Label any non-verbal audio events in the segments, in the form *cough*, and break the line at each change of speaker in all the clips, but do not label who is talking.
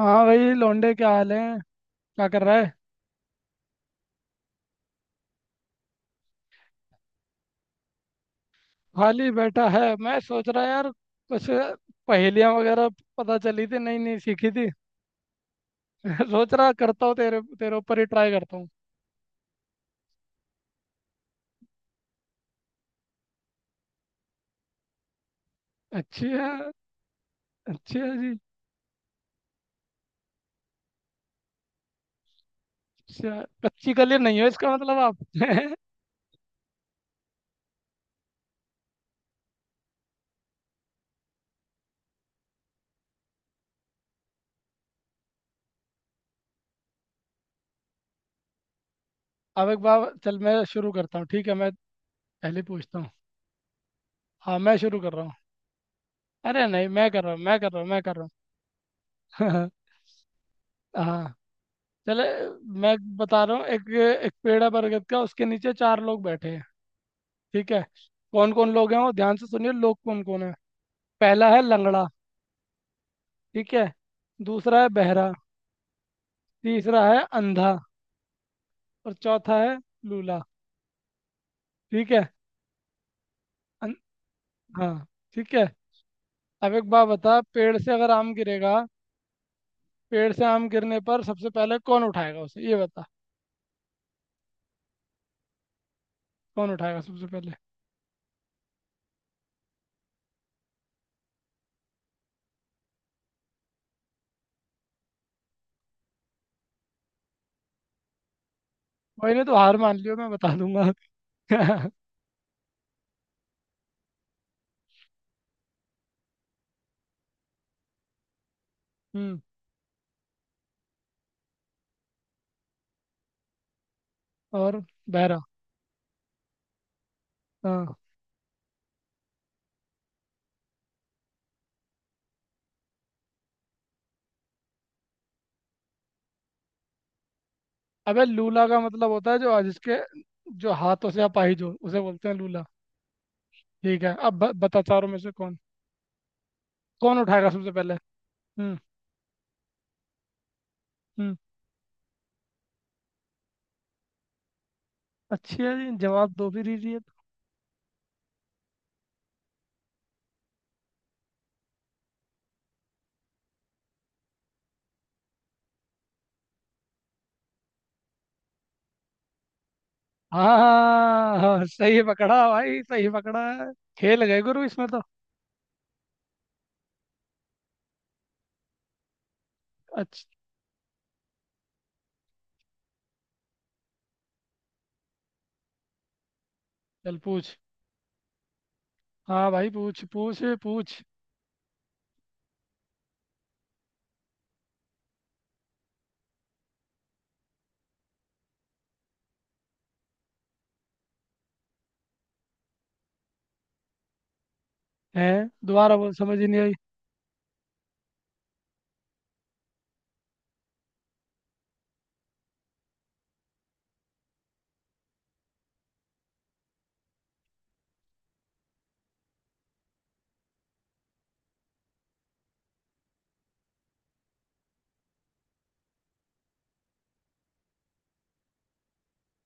हाँ भाई लौंडे, क्या हाल है? क्या कर रहा है? खाली बैठा है। मैं सोच रहा यार, कुछ पहेलियां वगैरह पता चली थी, नई नई सीखी थी। *laughs* सोच रहा करता हूँ तेरे तेरे ऊपर ही ट्राई करता हूँ। अच्छी है। अच्छी है जी। अच्छा, कच्ची कली नहीं हो इसका मतलब आप। *laughs* अब एक बार चल, मैं शुरू करता हूँ, ठीक है? मैं पहले पूछता हूँ। हाँ, मैं शुरू कर रहा हूँ। अरे नहीं, मैं कर रहा हूँ, मैं कर रहा हूँ, मैं कर रहा हूँ। *laughs* हाँ। चले। मैं बता रहा हूँ एक। एक पेड़ है बरगद का, उसके नीचे चार लोग बैठे हैं, ठीक है? कौन कौन लोग हैं वो ध्यान से सुनिए, लोग कौन कौन है। पहला है लंगड़ा, ठीक है। दूसरा है बहरा। तीसरा है अंधा। और चौथा है लूला, ठीक है। अन... हाँ, ठीक है। अब एक बात बता, पेड़ से अगर आम गिरेगा, पेड़ से आम गिरने पर सबसे पहले कौन उठाएगा उसे, ये बता। कौन उठाएगा सबसे पहले? वही नहीं तो हार मान लियो, मैं बता दूंगा। *laughs* हम्म। और बहरा। हाँ। अबे लूला का मतलब होता है जो जिसके, जो हाथों से अपाहिज हो उसे बोलते हैं लूला। ठीक है, अब बता चारों में से कौन कौन उठाएगा सबसे पहले? हम्म। हम्म। अच्छी है जी। जवाब दो भी दीजिए। हाँ। हाँ, सही पकड़ा भाई, सही पकड़ा है। खेल गए गुरु इसमें तो। अच्छा। चल पूछ। हाँ भाई, पूछ पूछ पूछ। है? दोबारा बोल, समझ ही नहीं आई।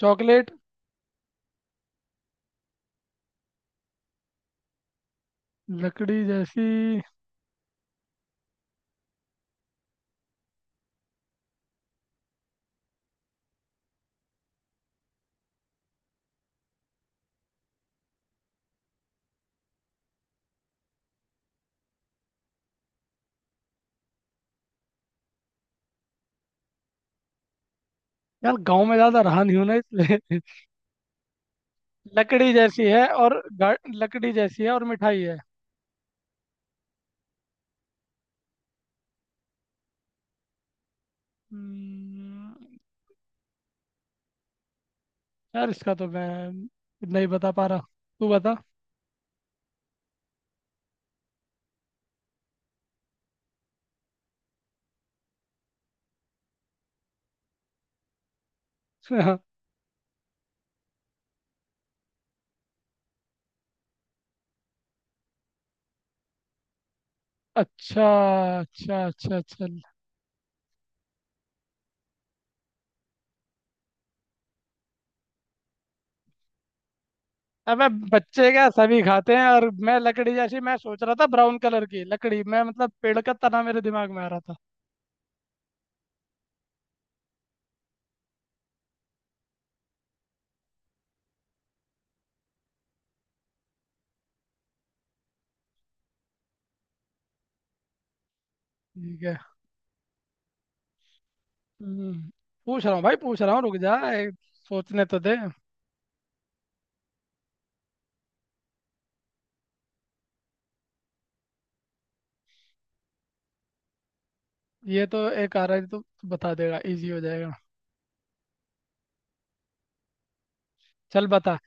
चॉकलेट। लकड़ी जैसी। यार गांव में ज्यादा रहा नहीं हूं ना, इसलिए। *laughs* लकड़ी जैसी है और लकड़ी जैसी है और मिठाई है। हम्म, यार इसका तो मैं नहीं बता पा रहा, तू बता। *laughs* अच्छा अच्छा अच्छा। अच्छा अबे, बच्चे क्या सभी खाते हैं? और मैं लकड़ी जैसी, मैं सोच रहा था ब्राउन कलर की लकड़ी, मैं मतलब पेड़ का तना मेरे दिमाग में आ रहा था। ठीक है। हम्म, पूछ रहा हूँ भाई, पूछ रहा हूँ, रुक जा एक। सोचने तो दे। ये तो एक आ रहा है, तो तू बता देगा, इजी हो जाएगा। चल बता।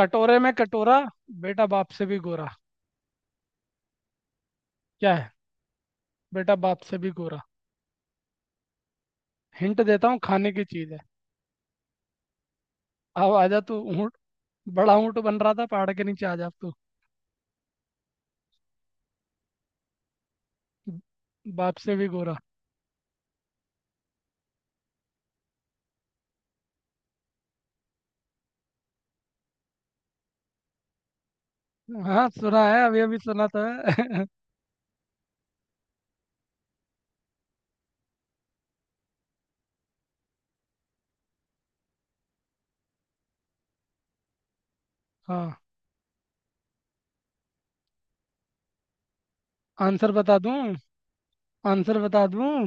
कटोरे में कटोरा, बेटा बाप से भी गोरा। क्या है? बेटा बाप से भी गोरा। हिंट देता हूँ, खाने की चीज है। अब आजा तू ऊँट, बड़ा ऊँट बन रहा था पहाड़ के नीचे, आ जा अब तू। बाप से भी गोरा। हाँ सुना है, अभी अभी सुना तो है। *laughs* हाँ। आंसर बता दूं? आंसर बता दूं?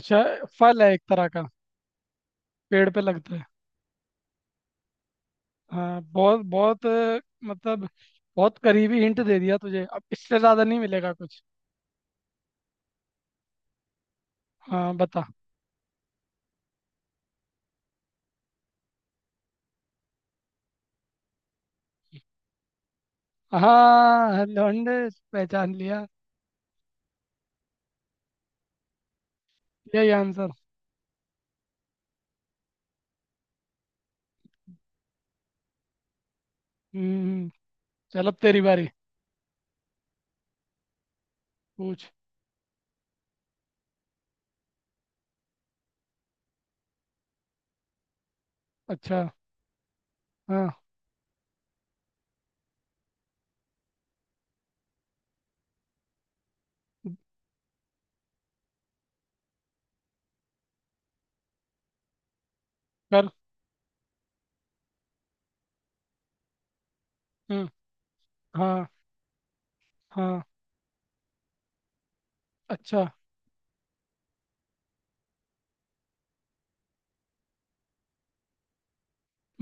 अच्छा, फल है एक तरह का, पेड़ पे लगता है। हाँ, बहुत बहुत मतलब बहुत करीबी हिंट दे दिया तुझे, अब इससे ज्यादा नहीं मिलेगा कुछ। हाँ बता। हाँ लौंडे, पहचान लिया। यही आंसर। हम्म। चल अब तेरी बारी। पूछ। अच्छा। हाँ कर। हम्म। हाँ। हाँ। अच्छा।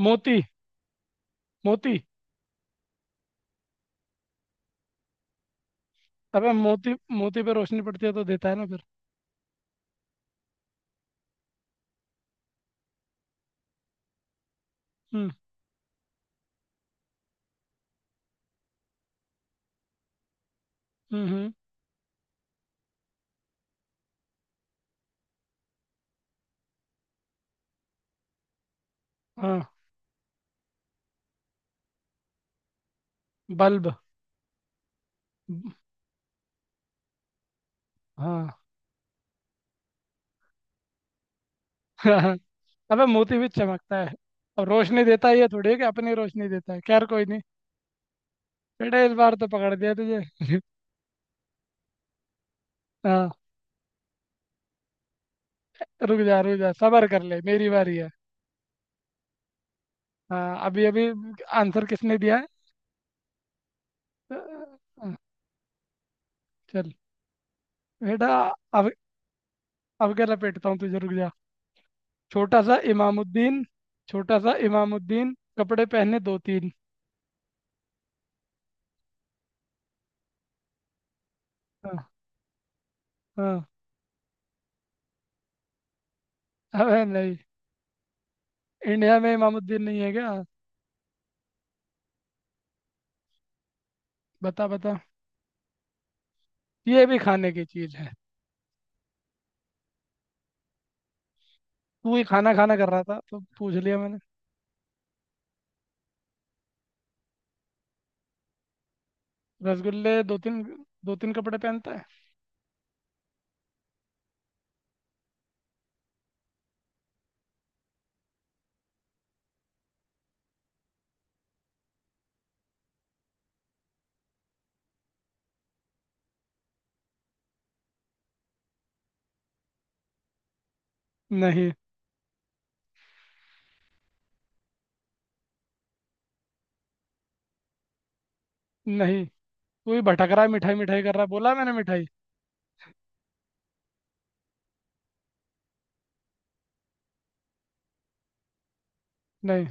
मोती। मोती। अबे मोती। मोती पे रोशनी पड़ती है तो देता है ना फिर। हम्म। हम्म। हाँ। बल्ब। हाँ। *laughs* अबे मोती भी चमकता है। अब रोशनी देता है ये थोड़ी है कि अपनी रोशनी देता है, खैर कोई नहीं। बेटा इस बार तो पकड़ दिया तुझे। *laughs* हाँ, रुक जा रुक जा, सबर कर ले, मेरी बारी है। हाँ अभी अभी। आंसर किसने दिया है? अ, चल बेटा, अब अब क्या लपेटता हूँ तुझे, रुक जा। छोटा सा इमामुद्दीन, छोटा सा इमामुद्दीन कपड़े पहने दो तीन। हाँ। हाँ। अबे नहीं, इंडिया में इमामुद्दीन नहीं है क्या? बता बता, ये भी खाने की चीज है। तू ही खाना खाना कर रहा था तो पूछ लिया मैंने। रसगुल्ले दो तीन। दो तीन कपड़े पहनता है। नहीं। नहीं। तू ही भटक रहा है, मिठाई मिठाई कर रहा है, बोला मैंने मिठाई। नहीं।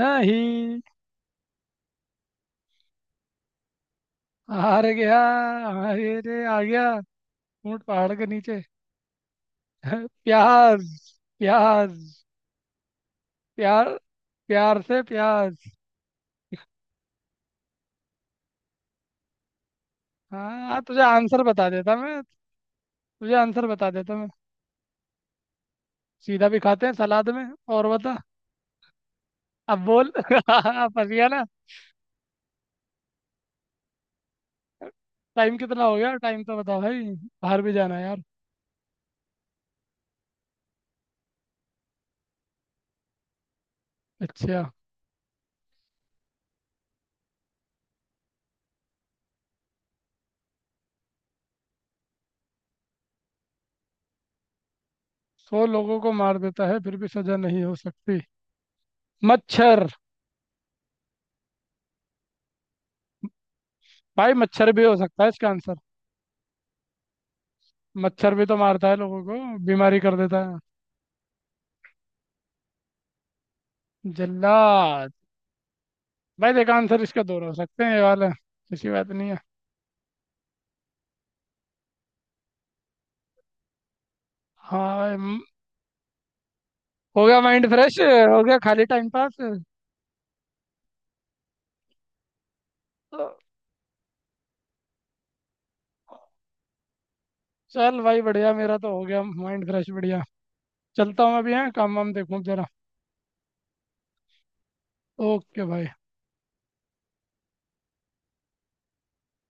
नहीं। हार गया। अरे आ गया, ऊँट पहाड़ के नीचे। *laughs* प्याज। प्याज। प्यार, प्यार से प्याज। हाँ तुझे आंसर बता देता मैं। तुझे आंसर बता देता मैं। सीधा भी खाते हैं सलाद में। और बता। अब बोल। *laughs* फंस गया ना। टाइम कितना हो गया? टाइम तो बताओ भाई, बाहर भी जाना है यार। अच्छा। 100 लोगों को मार देता है फिर भी सजा नहीं हो सकती? मच्छर। भाई मच्छर भी हो सकता है इसका आंसर। मच्छर भी तो मारता है लोगों को, बीमारी कर देता है। जल्लाद। भाई देखो, आंसर इसका दो हो सकते हैं, ये वाला ऐसी बात नहीं है। हाँ भाई, हो गया माइंड फ्रेश, हो गया, खाली टाइम पास तो। चल भाई बढ़िया, मेरा तो हो गया माइंड फ्रेश, बढ़िया। चलता हूँ अभी, है काम वाम देखूँ जरा। ओके भाई।